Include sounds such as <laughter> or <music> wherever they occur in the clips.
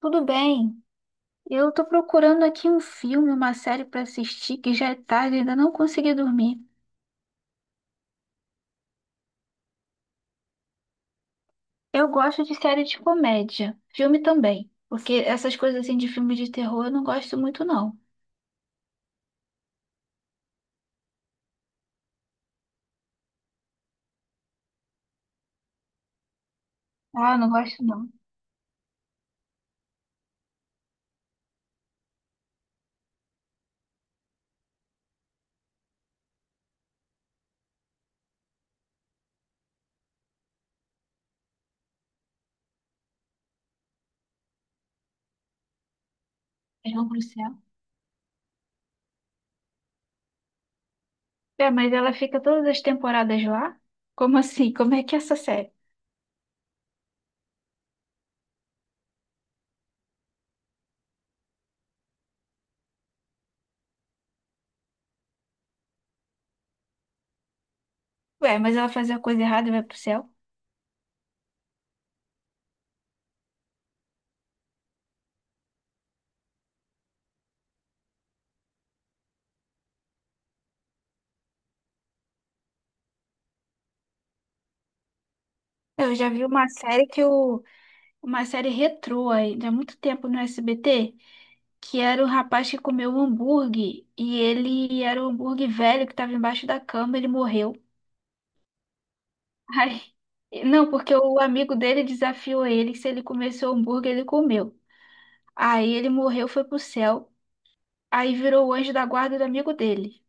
Tudo bem. Eu tô procurando aqui um filme, uma série pra assistir, que já é tarde e ainda não consegui dormir. Eu gosto de série de comédia, filme também, porque essas coisas assim de filme de terror eu não gosto muito não. Ah, não gosto não. Eles vão pro céu. É, mas ela fica todas as temporadas lá? Como assim? Como é que é essa série? Ué, mas ela fazia a coisa errada e vai pro céu? Eu já vi uma série que o uma série retrô aí, há muito tempo no SBT, que era o rapaz que comeu o hambúrguer e ele era o hambúrguer velho que estava embaixo da cama, ele morreu. <laughs> Ai, não, porque o amigo dele desafiou ele que se ele comesse o hambúrguer, ele comeu. Aí ele morreu, foi pro céu, aí virou o anjo da guarda do amigo dele.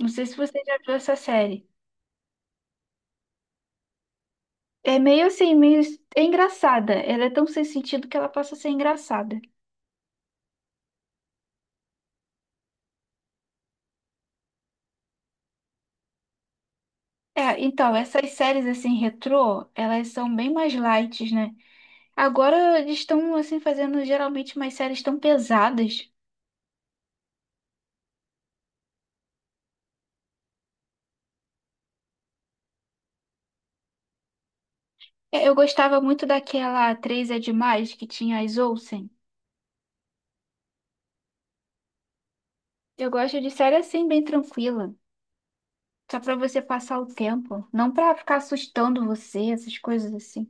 Não sei se você já viu essa série. É meio assim, meio... É engraçada. Ela é tão sem sentido que ela passa a ser engraçada. É, então, essas séries assim, retrô, elas são bem mais light, né? Agora eles estão assim fazendo geralmente umas séries tão pesadas. É, eu gostava muito daquela Três é Demais que tinha as Olsen. Eu gosto de série assim bem tranquila, só pra você passar o tempo, não pra ficar assustando você, essas coisas assim.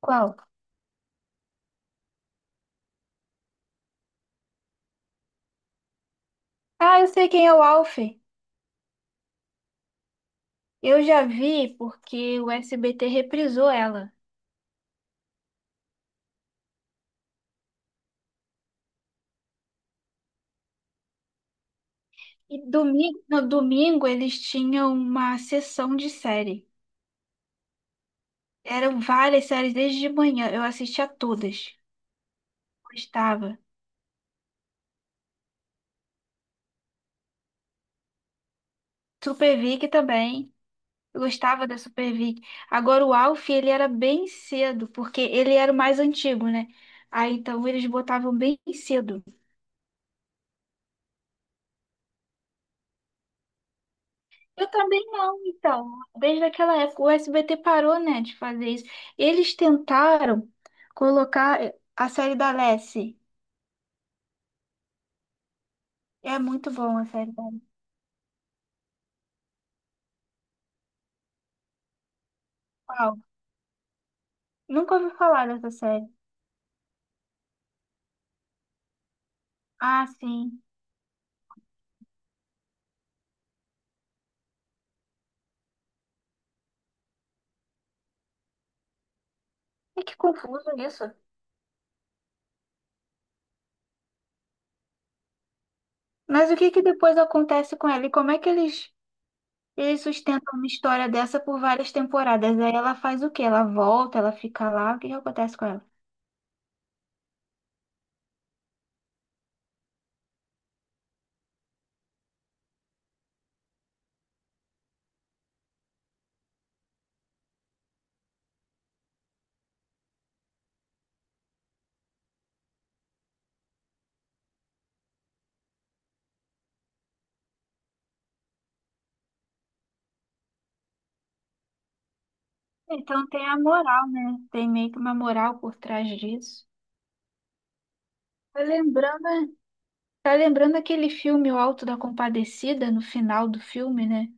Qual? Ah, eu sei quem é o Alf. Eu já vi porque o SBT reprisou ela. E domingo, no domingo eles tinham uma sessão de série. Eram várias séries desde de manhã, eu assistia todas. Gostava. Super Vic também. Eu gostava da Super Vic. Agora o Alf, ele era bem cedo, porque ele era o mais antigo, né? Aí então eles botavam bem cedo. Eu também não, então. Desde aquela época, o SBT parou, né, de fazer isso. Eles tentaram colocar a série da Lassie. É muito bom a série da Lassie. Uau, nunca ouvi falar dessa série. Ah, sim. É que confuso isso. Mas o que que depois acontece com ela? E como é que eles eles sustentam uma história dessa por várias temporadas. Aí ela faz o quê? Ela volta, ela fica lá. O que que acontece com ela? Então tem a moral, né? Tem meio que uma moral por trás disso. Tá lembrando, né? Tá lembrando aquele filme O Alto da Compadecida, no final do filme, né?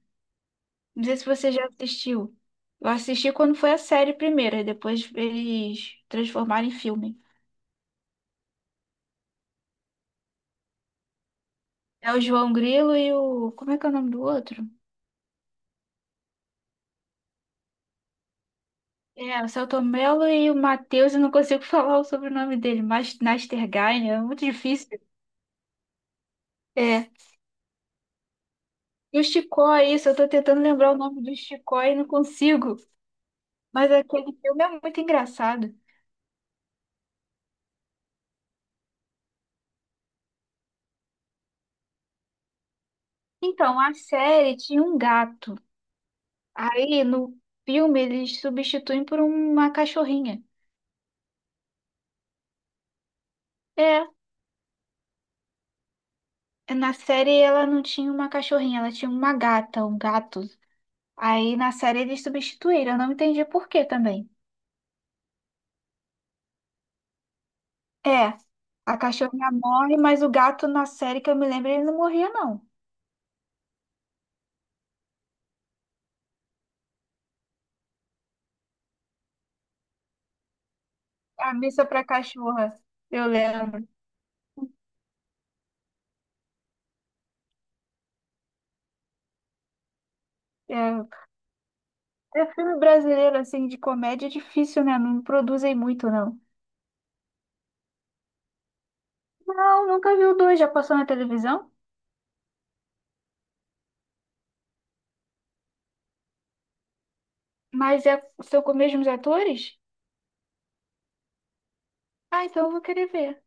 Não sei se você já assistiu. Eu assisti quando foi a série primeiro, e depois eles transformaram em filme. É o João Grilo e o. Como é que é o nome do outro? É, o Celto Mello e o Matheus, eu não consigo <laughs> falar o sobrenome dele, mas Nastergain é muito difícil. É. E o Chicó, é isso, eu tô tentando lembrar o nome do Chicó e não consigo. Mas aquele filme é muito engraçado. Então, a série tinha um gato. Aí, no filme, eles substituem por uma cachorrinha. É, na série ela não tinha uma cachorrinha, ela tinha uma gata, um gato. Aí, na série, eles substituíram. Eu não entendi por quê também. É, a cachorrinha morre, mas o gato na série que eu me lembro, ele não morria, não. A Missa pra Cachorra, eu lembro. É, é filme brasileiro, assim, de comédia é difícil, né? Não produzem muito, não. Não, nunca vi o dois, já passou na televisão? Mas é, são com os mesmos atores? Ah, então eu vou querer ver.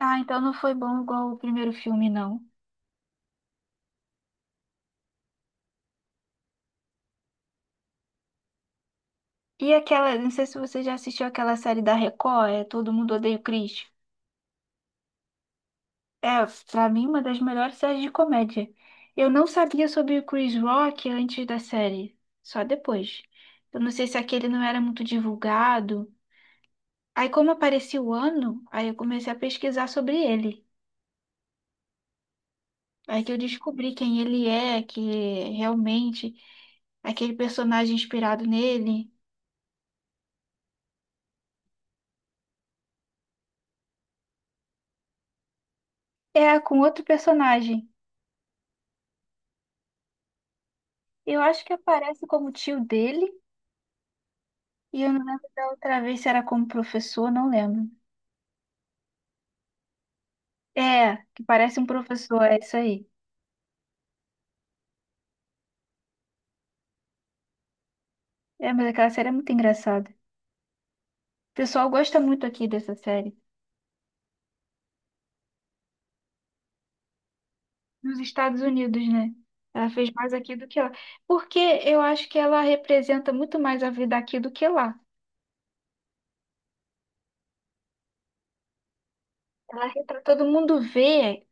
Ah, então não foi bom igual o primeiro filme, não. E aquela, não sei se você já assistiu aquela série da Record, é Todo Mundo Odeia o Chris. É, pra mim, uma das melhores séries de comédia. Eu não sabia sobre o Chris Rock antes da série, só depois. Eu não sei se aquele não era muito divulgado. Aí, como apareceu o ano, aí eu comecei a pesquisar sobre ele. Aí que eu descobri quem ele é, que realmente aquele personagem inspirado nele é com outro personagem. Eu acho que aparece como tio dele, e eu não lembro da outra vez se era como professor, não lembro. É, que parece um professor, é isso aí. É, mas aquela série é muito engraçada. O pessoal gosta muito aqui dessa série. Nos Estados Unidos, né? Ela fez mais aqui do que lá. Porque eu acho que ela representa muito mais a vida aqui do que lá. Ela retrata, todo mundo vê,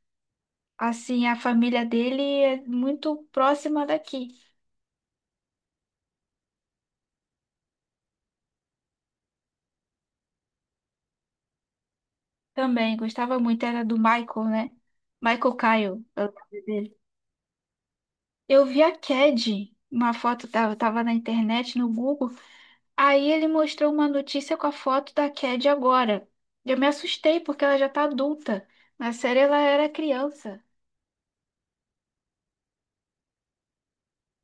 assim, a família dele é muito próxima daqui. Também gostava muito, era do Michael, né? Michael Kyle, é o nome dele. Eu vi a Cad, uma foto, eu tava na internet, no Google. Aí ele mostrou uma notícia com a foto da Cad agora. Eu me assustei porque ela já tá adulta. Na série ela era criança.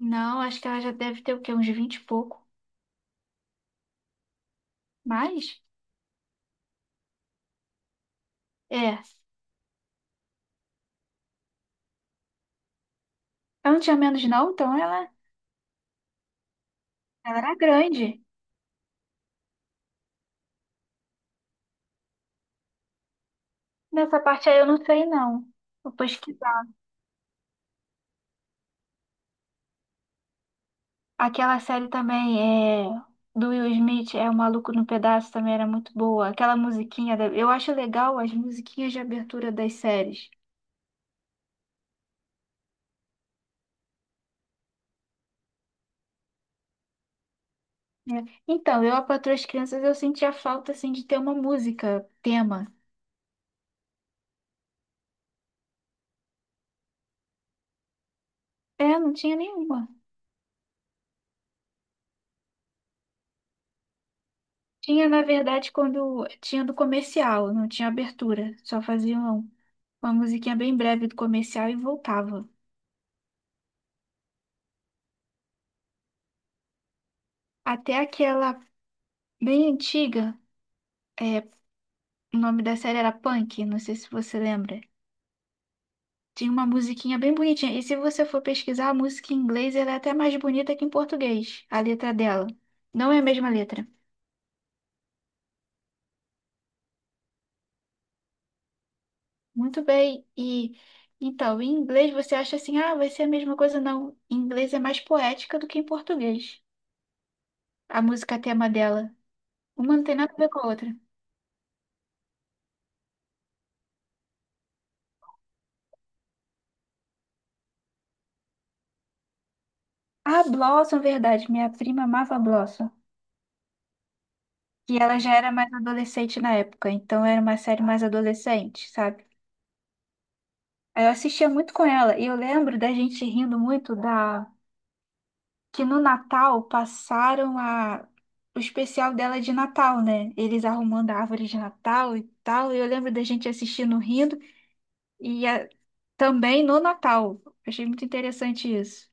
Não, acho que ela já deve ter o quê? Uns 20 e pouco. Mas, é. Ela não tinha menos não, então ela era grande. Nessa parte aí eu não sei não. Vou pesquisar. Aquela série também é do Will Smith, é O Maluco no Pedaço, também era muito boa. Aquela musiquinha, da- eu acho legal as musiquinhas de abertura das séries. É. Então, eu, a Patroa e as Crianças, eu sentia falta, assim, de ter uma música, tema. É, não tinha nenhuma. Tinha, na verdade, quando tinha do comercial, não tinha abertura. Só faziam uma musiquinha bem breve do comercial e voltava. Até aquela bem antiga, é, o nome da série era Punk, não sei se você lembra. Tinha uma musiquinha bem bonitinha. E se você for pesquisar a música em inglês, ela é até mais bonita que em português, a letra dela. Não é a mesma letra. Muito bem. E então, em inglês você acha assim, ah, vai ser a mesma coisa? Não. Em inglês é mais poética do que em português. A música tema dela. Uma não tem nada a ver com a outra. Ah, Blossom, verdade. Minha prima amava Blossom. E ela já era mais adolescente na época, então era uma série mais adolescente, sabe? Aí eu assistia muito com ela e eu lembro da gente rindo muito da que no Natal passaram a o especial dela de Natal, né? Eles arrumando a árvore de Natal e tal. E eu lembro da gente assistindo rindo e a- também no Natal. Achei muito interessante isso.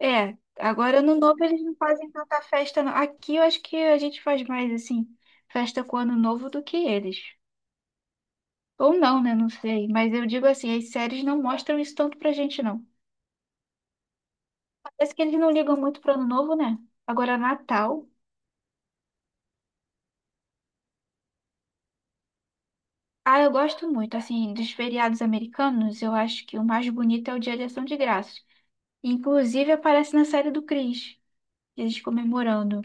É, agora no Novo eles não fazem tanta festa, não. Aqui eu acho que a gente faz mais assim, festa com o Ano Novo do que eles. Ou não, né? Não sei. Mas eu digo assim, as séries não mostram isso tanto pra gente, não. Parece que eles não ligam muito pro Ano Novo, né? Agora, Natal. Ah, eu gosto muito, assim, dos feriados americanos, eu acho que o mais bonito é o Dia de Ação de Graças. Inclusive aparece na série do Chris, eles comemorando.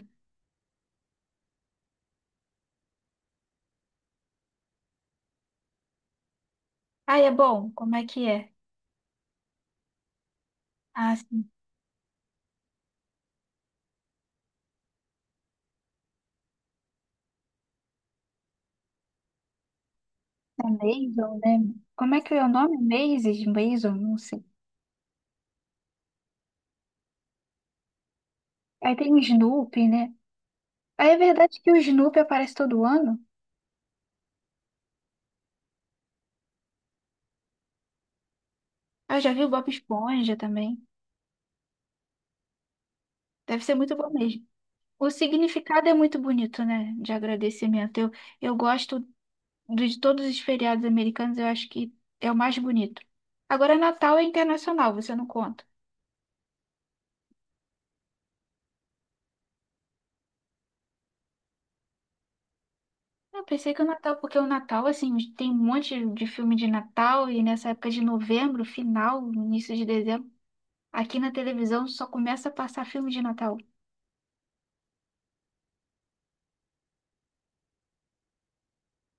Ah, é bom? Como é que é? Ah, sim. É Maisel, né? Como é que é o nome? Maisel? Maisel? Não sei. Aí tem o Snoopy, né? Aí é verdade que o Snoopy aparece todo ano? Ah, eu já vi o Bob Esponja também. Deve ser muito bom mesmo. O significado é muito bonito, né? De agradecimento. Eu gosto de todos os feriados americanos, eu acho que é o mais bonito. Agora, Natal é internacional, você não conta. Eu pensei que o Natal, porque o Natal, assim, tem um monte de filme de Natal, e nessa época de novembro, final, início de dezembro, aqui na televisão só começa a passar filme de Natal.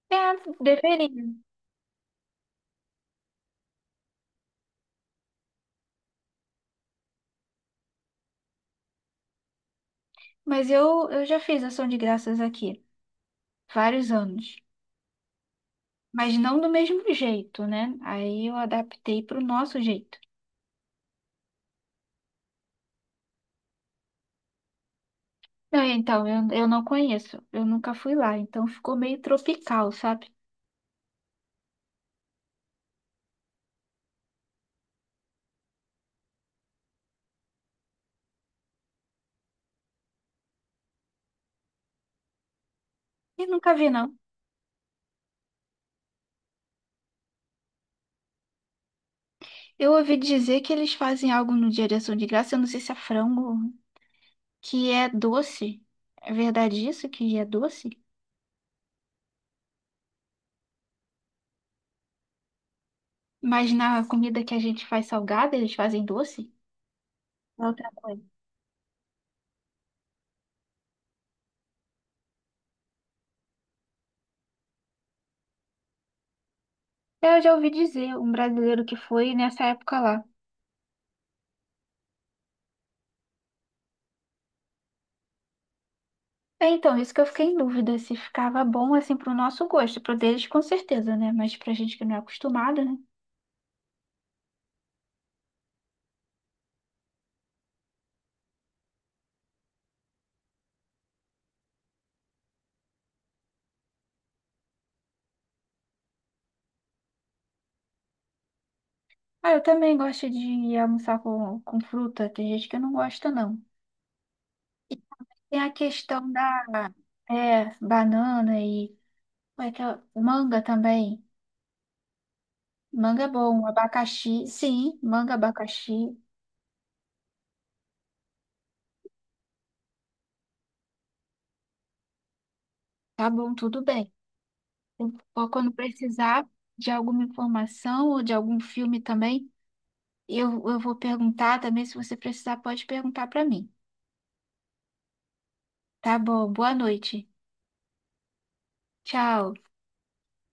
É, deveria. Mas eu já fiz ação de graças aqui, vários anos. Mas não do mesmo jeito, né? Aí eu adaptei para o nosso jeito. Não, então, eu não conheço. Eu nunca fui lá, então ficou meio tropical, sabe? E nunca vi, não. Eu ouvi dizer que eles fazem algo no Dia de Ação de Graça, eu não sei se é frango, que é doce. É verdade isso, que é doce? Mas na comida que a gente faz salgada, eles fazem doce? É outra coisa. Eu já ouvi dizer, um brasileiro que foi nessa época lá. É, então, isso que eu fiquei em dúvida, se ficava bom assim pro nosso gosto, pro deles com certeza, né? Mas pra gente que não é acostumada, ah, eu também gosto de almoçar com fruta. Tem gente que não gosta, não. E tem a questão da é, banana e como é que é? Manga também. Manga é bom, abacaxi, sim, manga, abacaxi, tá bom, tudo bem. Eu- ó, quando precisar de alguma informação ou de algum filme também, eu vou perguntar também. Se você precisar, pode perguntar para mim. Tá bom, boa noite. Tchau.